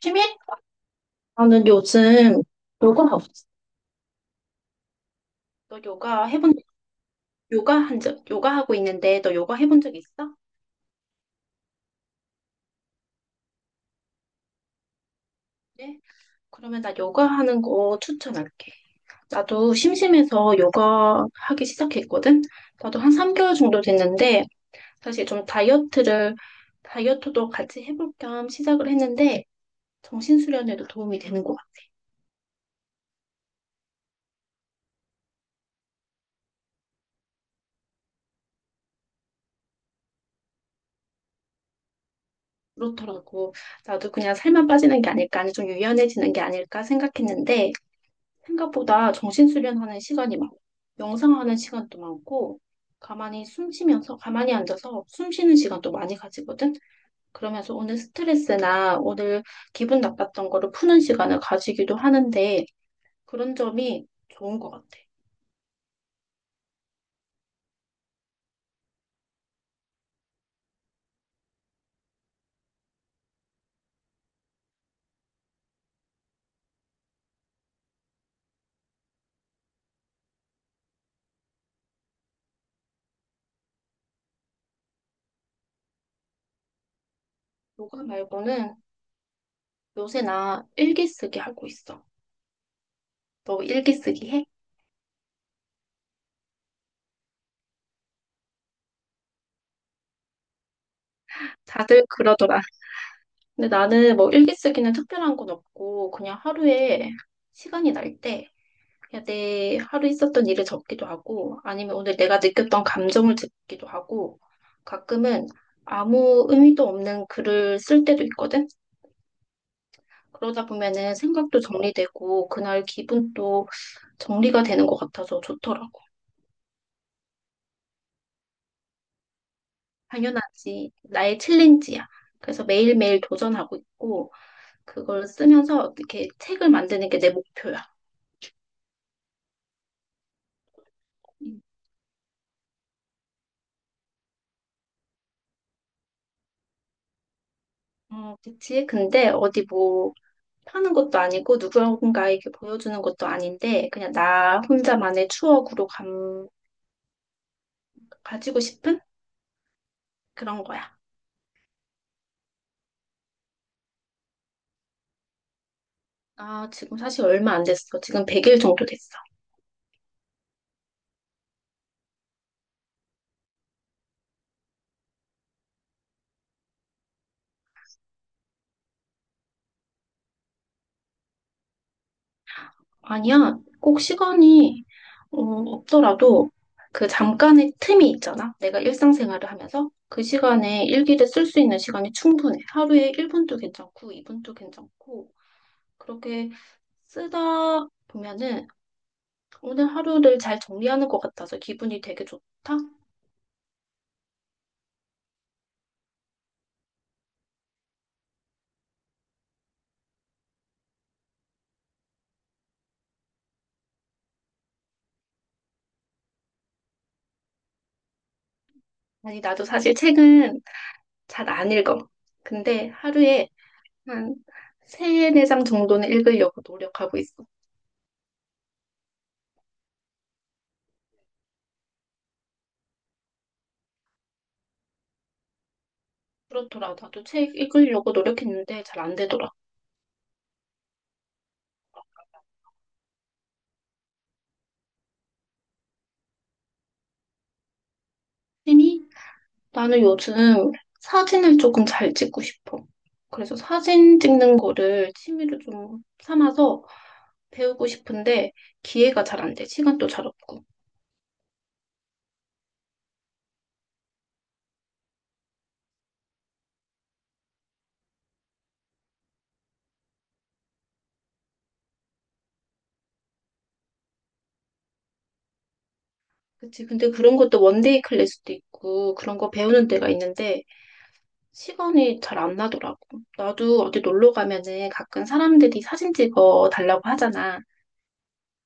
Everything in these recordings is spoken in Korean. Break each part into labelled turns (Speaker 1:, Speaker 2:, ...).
Speaker 1: 취미? 나는 요즘 요가 없어. 너 요가 해본, 요가 하고 있는데 너 요가 해본 적 있어? 네? 그러면 나 요가 하는 거 추천할게. 나도 심심해서 요가 하기 시작했거든? 나도 한 3개월 정도 됐는데, 사실 좀 다이어트도 같이 해볼 겸 시작을 했는데, 정신수련에도 도움이 되는 것 같아. 그렇더라고. 나도 그냥 살만 빠지는 게 아닐까, 아니 좀 유연해지는 게 아닐까 생각했는데, 생각보다 정신수련하는 시간이 많아. 명상하는 시간도 많고, 가만히 앉아서 숨 쉬는 시간도 많이 가지거든? 그러면서 오늘 스트레스나 오늘 기분 나빴던 거를 푸는 시간을 가지기도 하는데, 그런 점이 좋은 것 같아. 요가 말고는 요새 나 일기 쓰기 하고 있어. 너 일기 쓰기 해? 다들 그러더라. 근데 나는 뭐 일기 쓰기는 특별한 건 없고, 그냥 하루에 시간이 날 때, 그냥 내 하루 있었던 일을 적기도 하고, 아니면 오늘 내가 느꼈던 감정을 적기도 하고, 가끔은 아무 의미도 없는 글을 쓸 때도 있거든? 그러다 보면은 생각도 정리되고, 그날 기분도 정리가 되는 것 같아서 좋더라고. 당연하지. 나의 챌린지야. 그래서 매일매일 도전하고 있고, 그걸 쓰면서 어떻게 책을 만드는 게 내 목표야. 그치? 근데 어디 뭐, 파는 것도 아니고 누군가에게 보여주는 것도 아닌데 그냥 나 혼자만의 추억으로 가지고 싶은 그런 거야. 아, 지금 사실 얼마 안 됐어. 지금 100일 정도 됐어. 아니야, 꼭 시간이 없더라도 그 잠깐의 틈이 있잖아. 내가 일상생활을 하면서 그 시간에 일기를 쓸 수 있는 시간이 충분해. 하루에 1분도 괜찮고 2분도 괜찮고 그렇게 쓰다 보면은 오늘 하루를 잘 정리하는 것 같아서 기분이 되게 좋다. 아니, 나도 사실 책은 잘 안 읽어. 근데 하루에 한 세네 장 정도는 읽으려고 노력하고 있어. 그렇더라. 나도 책 읽으려고 노력했는데 잘 안 되더라. 취미? 나는 요즘 사진을 조금 잘 찍고 싶어. 그래서 사진 찍는 거를 취미로 좀 삼아서 배우고 싶은데 기회가 잘 안 돼. 시간도 잘 없고. 그치. 근데 그런 것도 원데이 클래스도 있고 그런 거 배우는 데가 있는데 시간이 잘 안 나더라고. 나도 어디 놀러 가면은 가끔 사람들이 사진 찍어 달라고 하잖아.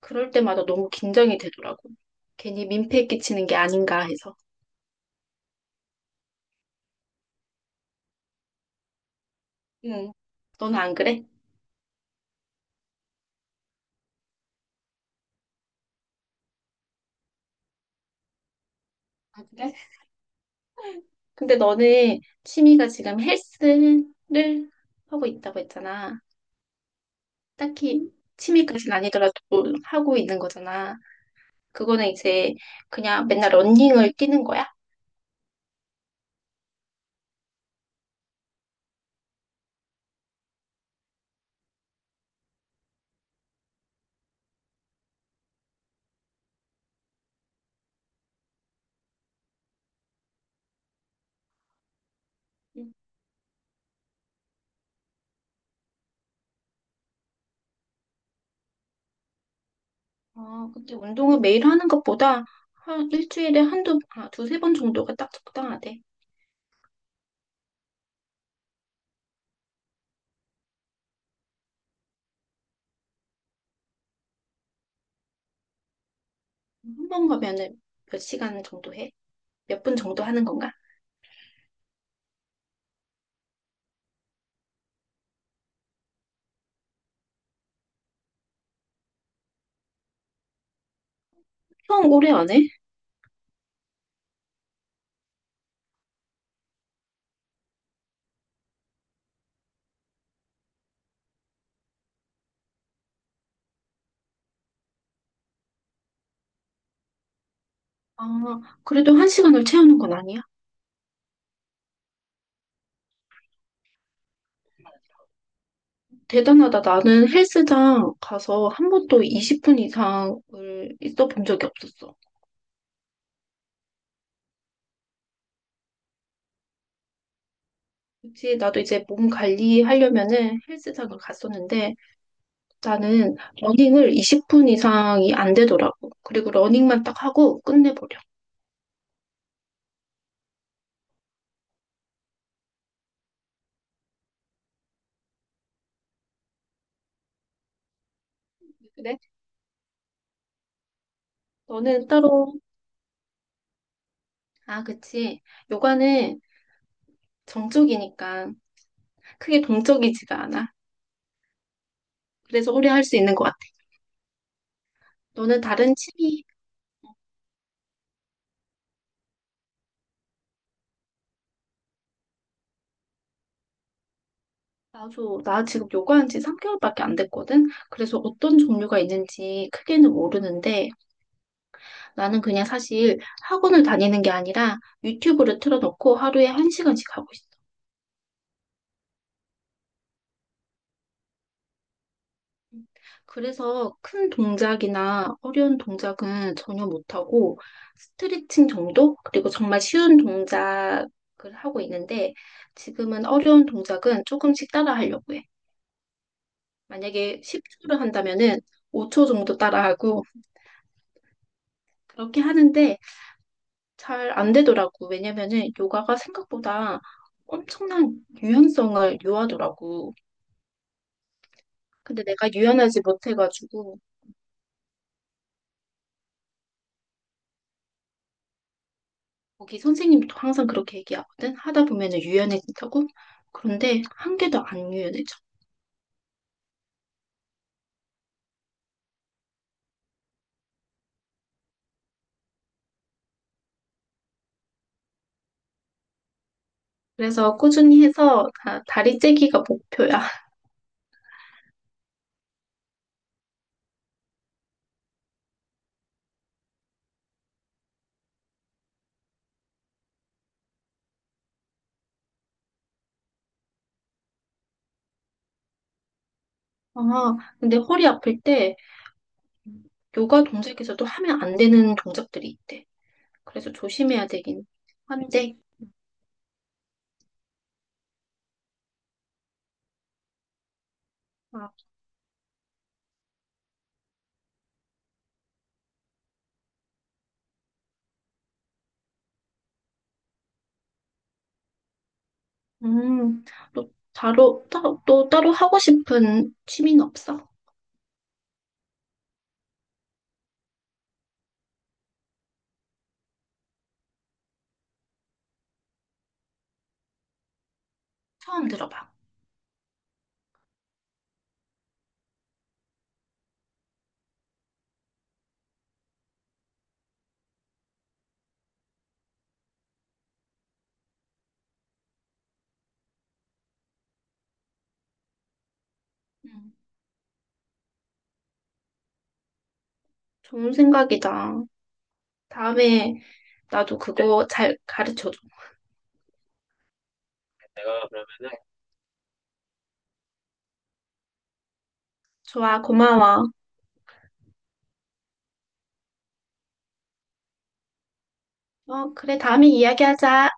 Speaker 1: 그럴 때마다 너무 긴장이 되더라고. 괜히 민폐 끼치는 게 아닌가 해서. 응. 너는 안 그래? 아, 그래? 근데 너는 취미가 지금 헬스를 하고 있다고 했잖아. 딱히 취미까지는 아니더라도 하고 있는 거잖아. 그거는 이제 그냥 맨날 러닝을 뛰는 거야? 아, 근데 운동을 매일 하는 것보다 한 일주일에 두세 번 정도가 딱 적당하대. 한 번 가면은 몇 시간 정도 해? 몇 분 정도 하는 건가? 형 오래 안 해? 아, 그래도 한 시간을 채우는 건 아니야? 대단하다. 나는 헬스장 가서 한 번도 20분 이상을 있어 본 적이 없었어. 그치, 나도 이제 몸 관리하려면은 헬스장을 갔었는데 나는 러닝을 20분 이상이 안 되더라고. 그리고 러닝만 딱 하고 끝내버려. 너는 따로, 아, 그치. 요가는 정적이니까 크게 동적이지가 않아. 그래서 오래 할 수 있는 것 같아. 너는 다른 취미, 나 지금 요가한 지 3개월밖에 안 됐거든? 그래서 어떤 종류가 있는지 크게는 모르는데 나는 그냥 사실 학원을 다니는 게 아니라 유튜브를 틀어놓고 하루에 1시간씩 하고 있어. 그래서 큰 동작이나 어려운 동작은 전혀 못하고 스트레칭 정도? 그리고 정말 쉬운 동작을 하고 있는데 지금은 어려운 동작은 조금씩 따라 하려고 해. 만약에 10초를 한다면은 5초 정도 따라하고 그렇게 하는데 잘 안 되더라고. 왜냐면은 요가가 생각보다 엄청난 유연성을 요하더라고. 근데 내가 유연하지 못해가지고 거기 선생님도 항상 그렇게 얘기하거든. 하다 보면은 유연해진다고. 그런데 1개도 안 유연해져. 그래서 꾸준히 해서 다리 째기가 목표야. 아, 근데 허리 아플 때 요가 동작에서도 하면 안 되는 동작들이 있대. 그래서 조심해야 되긴 한데. 아, 음, 너 또 따로 하고 싶은 취미는 없어? 처음 들어봐. 음, 좋은 생각이다. 다음에 나도 그거 잘 가르쳐줘. 좋아, 고마워. 어, 그래, 다음에 이야기하자.